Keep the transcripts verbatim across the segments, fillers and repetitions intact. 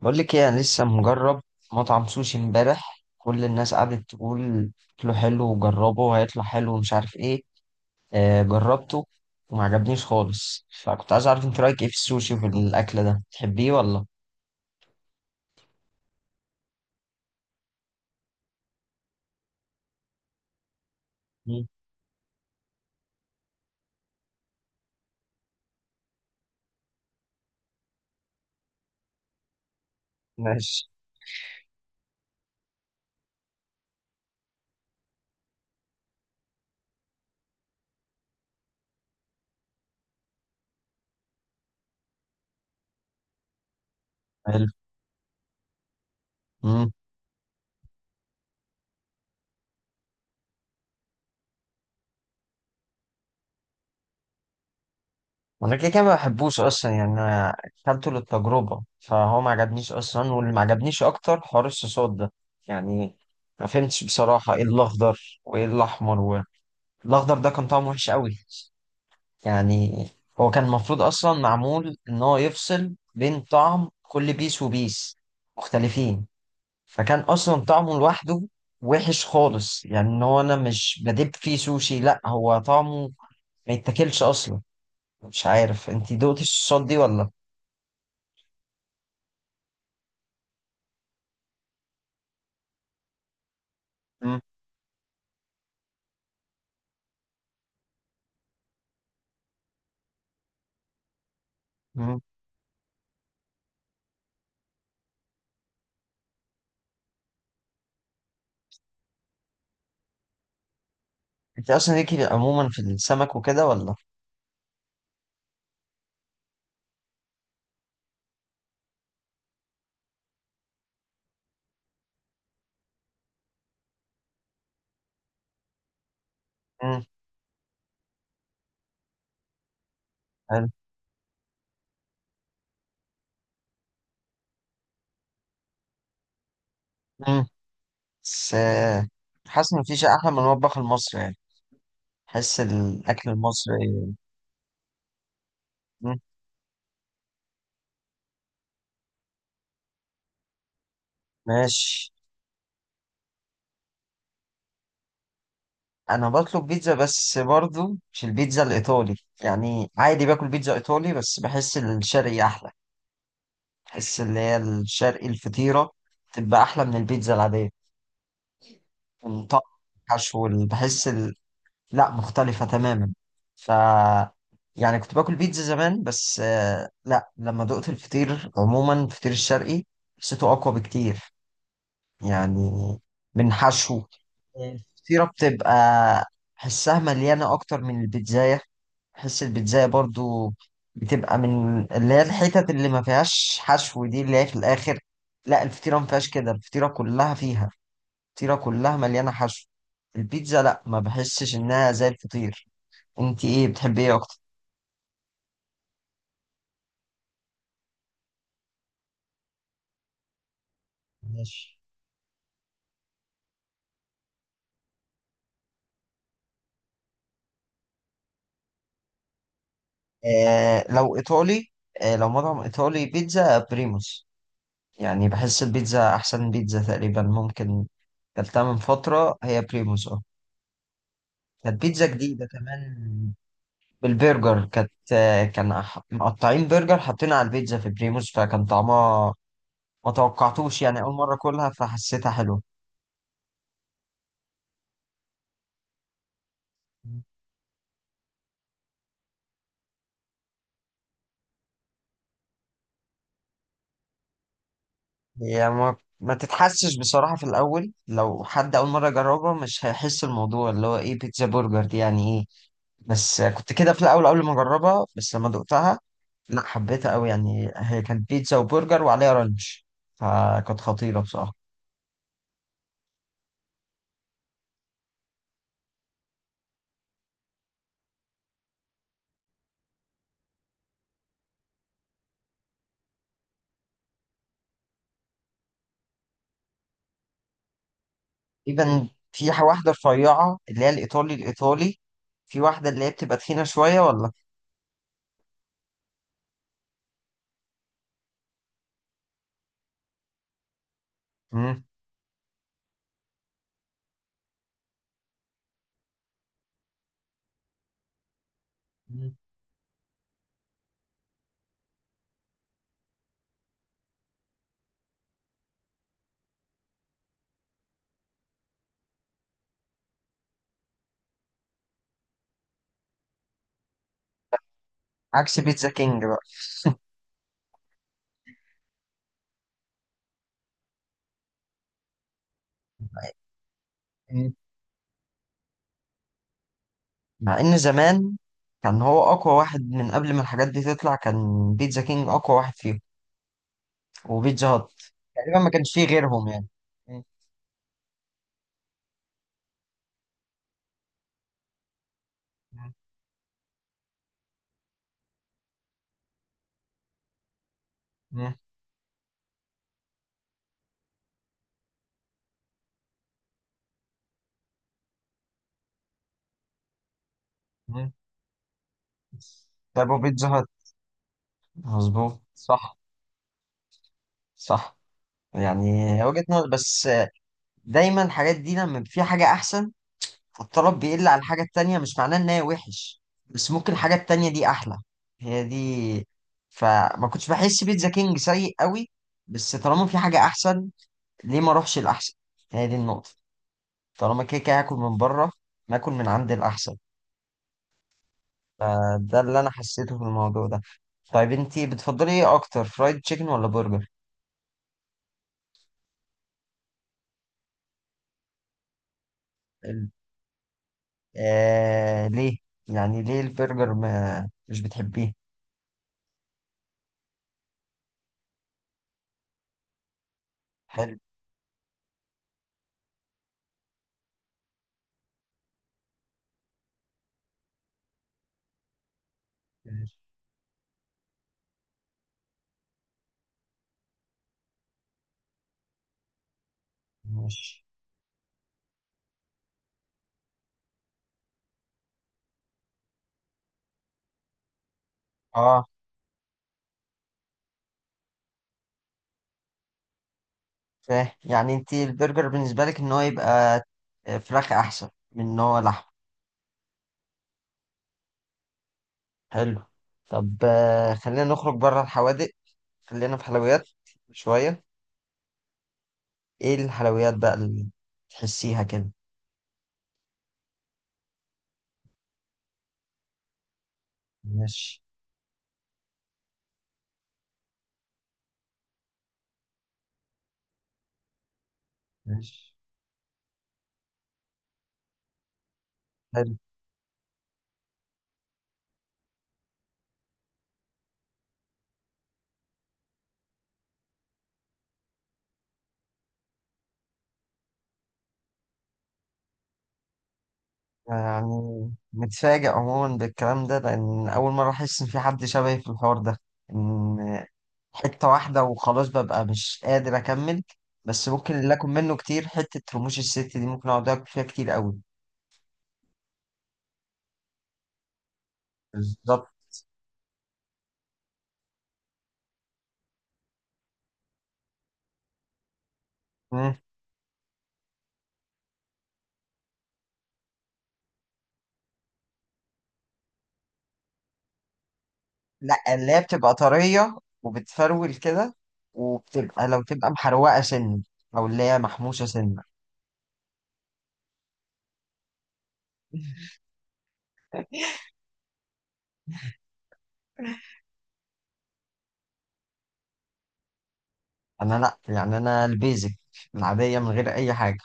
بقول لك ايه، انا لسه مجرب مطعم سوشي امبارح. كل الناس قعدت تقول اكله حلو وجربه وهيطلع حلو ومش عارف ايه. آه جربته وما عجبنيش خالص، فكنت عايز اعرف انت رايك ايه في السوشي وفي الاكل ده، تحبيه ولا؟ مم. ماشي. حلو. امم انا كده كده ما بحبوش اصلا يعني، انا اكلته للتجربه فهو ما عجبنيش اصلا، واللي ما عجبنيش اكتر حوار الصوصات ده يعني. ما فهمتش بصراحه ايه الاخضر وايه الاحمر و... الاخضر ده كان طعمه وحش قوي يعني. هو كان المفروض اصلا معمول ان هو يفصل بين طعم كل بيس وبيس مختلفين، فكان اصلا طعمه لوحده وحش خالص يعني، ان هو انا مش بدب فيه سوشي، لا هو طعمه ما يتاكلش اصلا. مش عارف انت دوقتي الصوصات دي ولا؟ مم. مم. انت اصلا ليكي عموما في السمك وكده ولا؟ مم. حلو. مم. بس آه، حاسس ان مفيش احلى من المطبخ المصري يعني. حس الاكل المصري. مم. ماشي. انا بطلب بيتزا بس برضو مش البيتزا الايطالي، يعني عادي باكل بيتزا ايطالي بس بحس الشرقي احلى. بحس اللي هي الشرقي الفطيره تبقى احلى من البيتزا العاديه. الطعم، الحشو ال- بحس ال... لا، مختلفه تماما. ف يعني كنت باكل بيتزا زمان بس آه، لا، لما دقت الفطير عموما الفطير الشرقي حسيته اقوى بكتير يعني، من حشو الفطيرة. بتبقى حسها مليانة أكتر من البيتزاية. حس البيتزاية برضو بتبقى من اللي هي الحتت اللي ما فيهاش حشو دي، اللي هي في الآخر. لا، الفطيرة ما فيهاش كده، الفطيرة كلها فيها، الفطيرة كلها مليانة حشو. البيتزا لا، ما بحسش إنها زي الفطير. أنت إيه بتحبي إيه أكتر؟ ماشي. آه لو إيطالي آه لو مطعم إيطالي بيتزا بريموس. يعني بحس البيتزا أحسن بيتزا تقريبا ممكن. كلتها من فترة هي بريموس اه. كانت بيتزا جديدة كمان بالبرجر كانت. كان أح- مقطعين برجر حاطينها على البيتزا في بريموس، فكان طعمها ما توقعتوش. يعني أول مرة أكلها فحسيتها حلوة. هي ما, ما تتحسش بصراحة في الأول، لو حد أول مرة يجربها مش هيحس الموضوع اللي هو إيه بيتزا برجر دي يعني إيه. بس كنت كده في الأول قبل ما أجربها، بس لما دقتها لا حبيتها قوي. يعني هي كانت بيتزا وبرجر وعليها رانش، فكانت خطيرة بصراحة. تقريبا في واحدة رفيعة اللي هي الإيطالي الإيطالي، في واحدة اللي هي بتبقى تخينة شوية ولا؟ مم. مم. عكس بيتزا كينج بقى. مم. مع إن زمان كان هو أقوى واحد، من قبل ما الحاجات دي تطلع كان بيتزا كينج أقوى واحد فيهم وبيتزا هات. تقريبا ما كانش فيه غيرهم يعني. مم. مم. مم. طيب وبيتزا هات مظبوط صح. صح يعني وجهة نظر بس. دايما الحاجات دي لما في حاجة أحسن فالطلب بيقل على الحاجة التانية، مش معناه إن هي وحش بس ممكن الحاجة التانية دي أحلى. هي دي. فما كنتش بحس بيتزا كينج سيء قوي، بس طالما في حاجة أحسن ليه ما أروحش الأحسن؟ هي دي النقطة. طالما كده كده هاكل من بره، ما آكل من عند الأحسن. فده اللي أنا حسيته في الموضوع ده. طيب أنتي بتفضلي إيه أكتر، فرايد تشيكن ولا برجر؟ ال- آه ليه؟ يعني ليه البرجر ما مش بتحبيه؟ حلو. ماشي. اه. فاهم، يعني انت البرجر بالنسبة لك ان هو يبقى آه، فراخ احسن من ان هو لحم. حلو. طب آه، خلينا نخرج بره الحوادق، خلينا في حلويات شوية. ايه الحلويات بقى اللي تحسيها كده؟ ماشي. ماشي. حلو. يعني متفاجئ عموما بالكلام ده، لأن أول مرة أحس إن في حد شبهي في الحوار ده، إن حتة واحدة وخلاص ببقى مش قادر أكمل. بس ممكن اللي آكل منه كتير حتة رموش الست دي، ممكن أقعد آكل فيها كتير قوي. بالظبط. مم. لأ اللي هي بتبقى طرية وبتفرول كده، وبتبقى لو تبقى محروقة سن أو اللي هي محموشة سن. أنا لأ، يعني أنا البيزك العادية من غير أي حاجة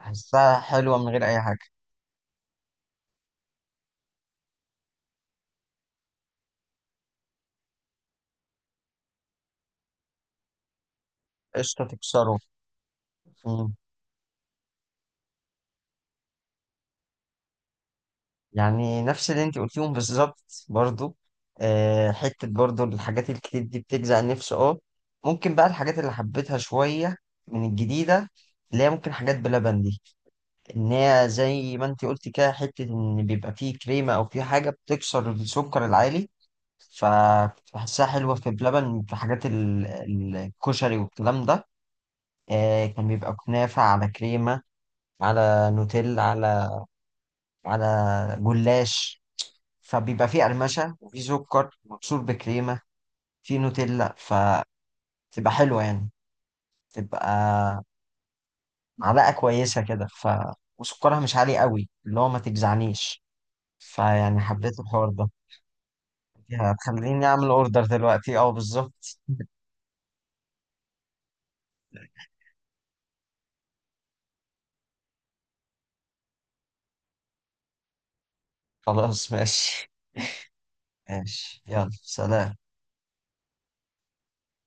أحسها حلوة من غير أي حاجة. قشطة تكسره. يعني نفس اللي انت قلتيهم بالظبط برضو، آه، حتة برضو الحاجات الكتير دي بتجزع النفس اه. ممكن بقى الحاجات اللي حبيتها شوية من الجديدة، اللي هي ممكن حاجات بلبن دي، ان هي زي ما انت قلتي كده حتة ان بيبقى فيه كريمة او فيه حاجة بتكسر السكر العالي، فبحسها حلوة في بلبن، في حاجات ال- ال- الكشري والكلام ده. آه، كان بيبقى كنافة على كريمة، على نوتيل، على على جلاش. فبيبقى فيه قرمشة وفيه سكر مبشور بكريمة، فيه نوتيلا فتبقى حلوة يعني، تبقى معلقة كويسة كده ف وسكرها مش عالي قوي اللي هو ما تجزعنيش. فيعني حبيت الحوار ده. هتخليني أعمل أوردر دلوقتي أه بالظبط. خلاص ماشي. ماشي يلا سلام.